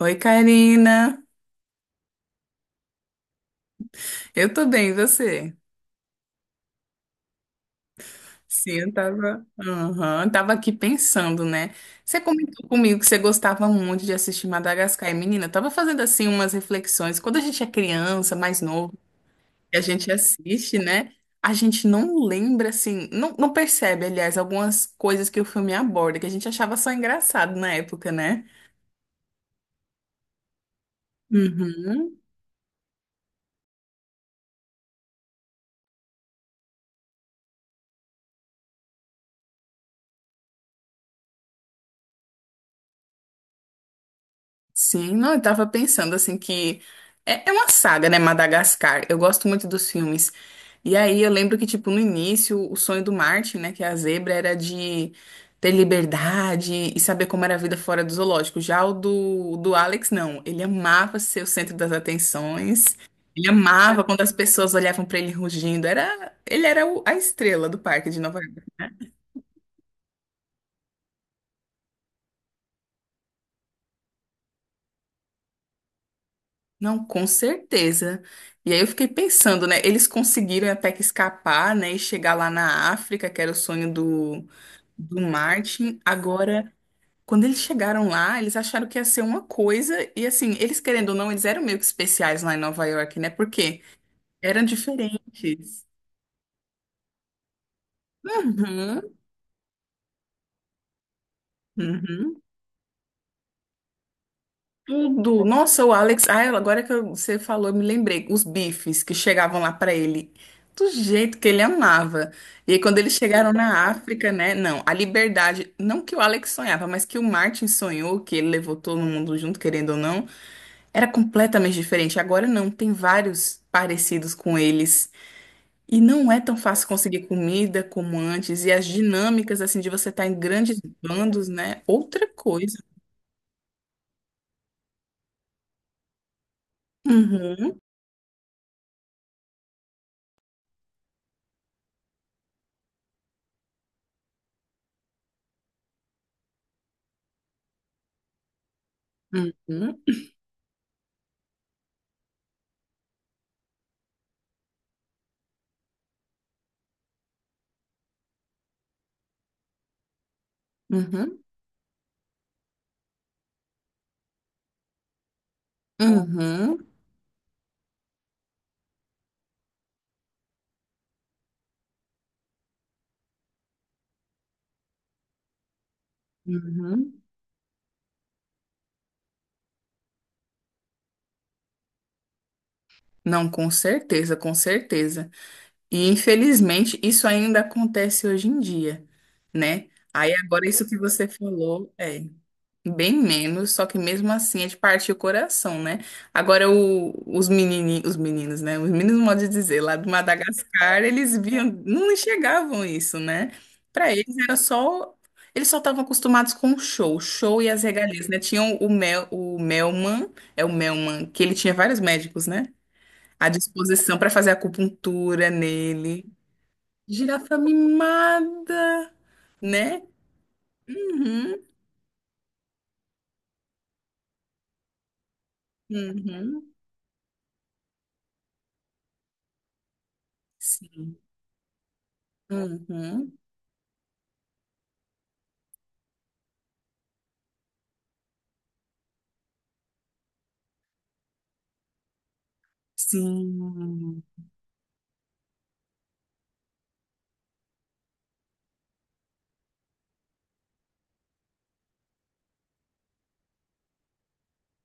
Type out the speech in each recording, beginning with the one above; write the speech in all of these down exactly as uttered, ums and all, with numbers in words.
Oi, Karina. Eu tô bem, e você? Sim, eu tava, Aham, eu tava aqui pensando, né? Você comentou comigo que você gostava muito de assistir Madagascar. E, menina, eu tava fazendo assim umas reflexões. Quando a gente é criança, mais novo, e a gente assiste, né? A gente não lembra, assim, não, não percebe, aliás, algumas coisas que o filme aborda, que a gente achava só engraçado na época, né? Uhum. Sim, não, eu tava pensando assim que é, é uma saga, né, Madagascar. Eu gosto muito dos filmes. E aí eu lembro que, tipo, no início, o sonho do Martin, né, que é a zebra, era de ter liberdade e saber como era a vida fora do zoológico. Já o do, do Alex, não. Ele amava ser o centro das atenções. Ele amava quando as pessoas olhavam pra ele rugindo. Era, ele era o- a estrela do parque de Nova. Não, com certeza. E aí eu fiquei pensando, né? Eles conseguiram até que escapar, né? E chegar lá na África, que era o sonho do, do Martin. Agora, quando eles chegaram lá, eles acharam que ia ser uma coisa. E assim, eles querendo ou não, eles eram meio que especiais lá em Nova York, né? Porque eram diferentes. Uhum, uhum. Tudo. Nossa, o Alex. Ah, agora que eu- você falou, eu me lembrei. Os bifes que chegavam lá pra ele. Do jeito que ele amava. E aí, quando eles chegaram na África, né? Não, a liberdade. Não que o Alex sonhava, mas que o Martin sonhou, que ele levou todo mundo junto, querendo ou não. Era completamente diferente. Agora não. Tem vários parecidos com eles. E não é tão fácil conseguir comida como antes. E as dinâmicas, assim, de você estar em grandes bandos, né? Outra coisa. Uhum, uhum, uhum. Uhum, uhum. Não, com certeza, com certeza. E infelizmente isso ainda acontece hoje em dia, né? Aí agora isso que você falou, é. Bem menos, só que mesmo assim é de partir o coração, né? Agora, o- os menininhos, os meninos, né? Os meninos, modo de dizer, lá de Madagascar, eles viam, não enxergavam isso, né? Para eles era só, eles só estavam acostumados com o show, o show e as regalias, né? Tinham o Mel, o Melman, é o Melman, que ele tinha vários médicos, né? À disposição para fazer acupuntura nele. Girafa mimada, né? Uhum, uhum, sim, uhum. Sim.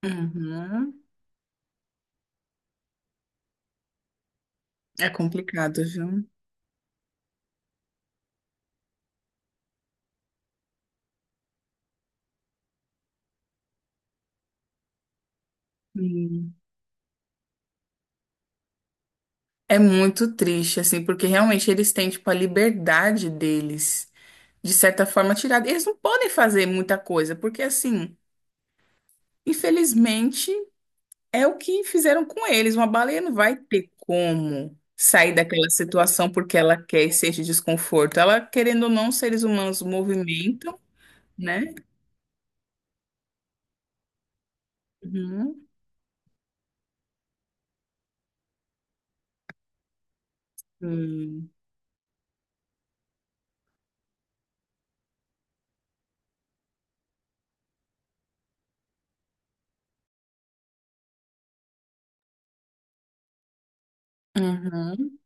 Uhum. É complicado, viu? Sim. É muito triste, assim, porque realmente eles têm, tipo, a liberdade deles, de certa forma, tirada. Eles não podem fazer muita coisa, porque, assim, infelizmente, é o que fizeram com eles. Uma baleia não vai ter como sair daquela situação porque ela quer e sente desconforto. Ela, querendo ou não, os seres humanos movimentam, né? Uhum. Sim. Uhum.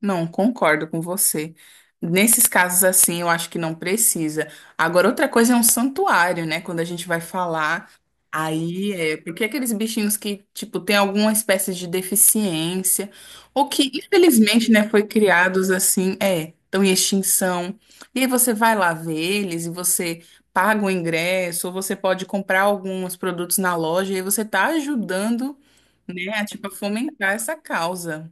Não, concordo com você. Nesses casos assim, eu acho que não precisa. Agora, outra coisa é um santuário, né? Quando a gente vai falar, aí é porque aqueles bichinhos que, tipo, tem alguma espécie de deficiência, ou que, infelizmente, né, foi criados assim, é, estão em extinção. E aí você vai lá ver eles e você paga o ingresso, ou você pode comprar alguns produtos na loja, e aí você tá ajudando, né, a, tipo, a fomentar essa causa.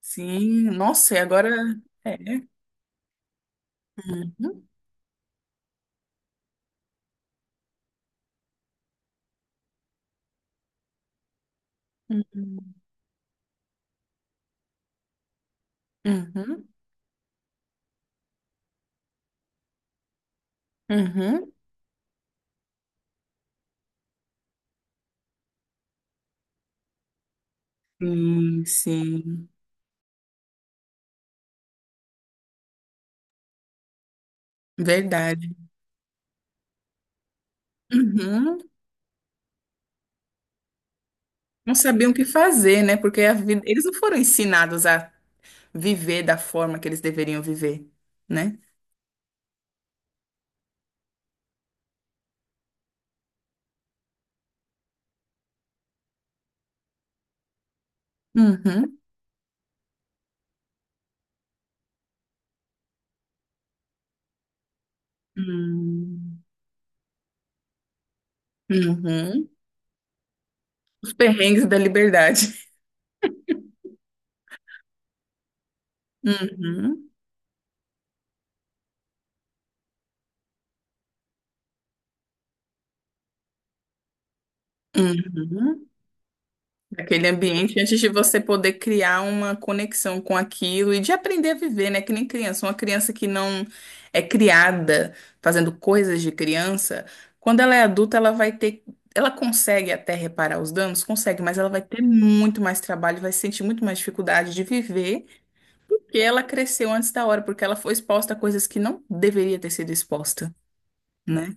Sim, nossa, e agora é. Uhum, uhum, uhum. Sim, sim, verdade. Uhum. Não sabiam o que fazer, né? Porque a vida- eles não foram ensinados a viver da forma que eles deveriam viver, né? Uhum. Hum, uhum. Os perrengues da liberdade. Uhum. Uhum. Aquele ambiente antes de você poder criar uma conexão com aquilo e de aprender a viver, né? Que nem criança. Uma criança que não é criada fazendo coisas de criança, quando ela é adulta, ela vai ter. Ela consegue até reparar os danos? Consegue, mas ela vai ter muito mais trabalho, vai sentir muito mais dificuldade de viver, porque ela cresceu antes da hora, porque ela foi exposta a coisas que não deveria ter sido exposta, né?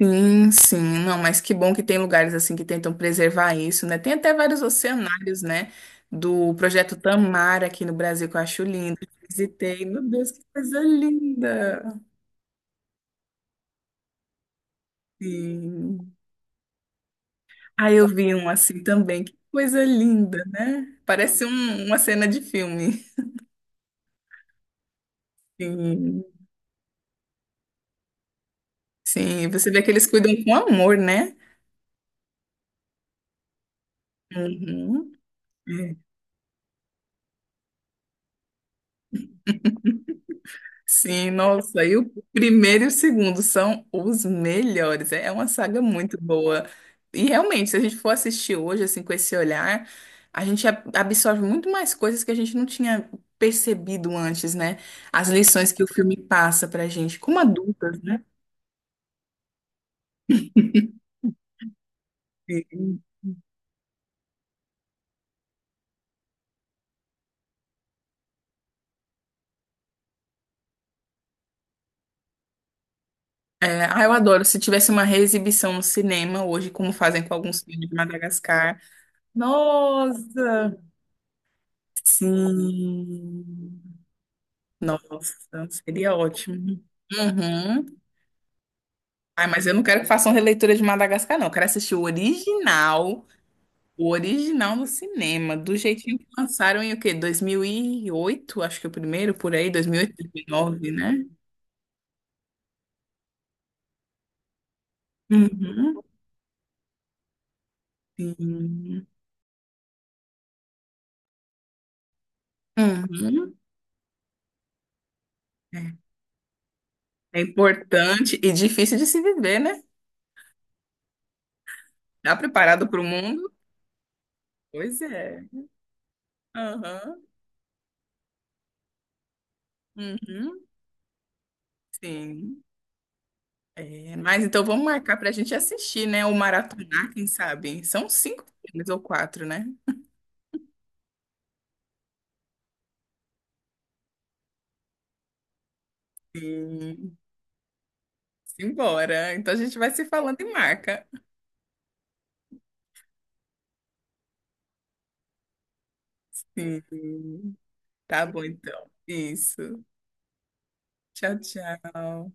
Sim, sim, não, mas que bom que tem lugares assim que tentam preservar isso, né? Tem até vários oceanários, né? Do projeto Tamara aqui no Brasil, que eu acho lindo. Visitei, meu Deus, que coisa linda! Sim. Aí eu vi um assim também, que coisa linda, né? Parece um- uma cena de filme. Sim, sim, você vê que eles cuidam com amor, né? Uhum. É. Sim, nossa, e o primeiro e o segundo são os melhores. É uma saga muito boa. E realmente, se a gente for assistir hoje, assim, com esse olhar, a gente ab- absorve muito mais coisas que a gente não tinha percebido antes, né? As lições que o filme passa pra gente, como adultas, né? Sim. É, ah, eu adoro. Se tivesse uma reexibição no cinema hoje, como fazem com alguns filmes de Madagascar. Nossa! Sim. Nossa, seria ótimo. Uhum. Ai, mas eu não quero que façam releitura de Madagascar, não. Eu quero assistir o original, o original no cinema, do jeitinho que lançaram em o quê? Dois mil e oito acho que é o primeiro, por aí, dois mil e dois mil e nove, né? Uhum. Sim. Uhum. É. É importante e difícil de se viver, né? Tá preparado para o mundo? Pois é. Aham. Uhum. Sim. É, mas então vamos marcar pra gente assistir, né? Ou maratonar, quem sabe? São cinco filmes ou quatro, né? Sim. Simbora. Então a gente vai se falando e marca. Sim. Tá bom, então. Isso. Tchau, tchau.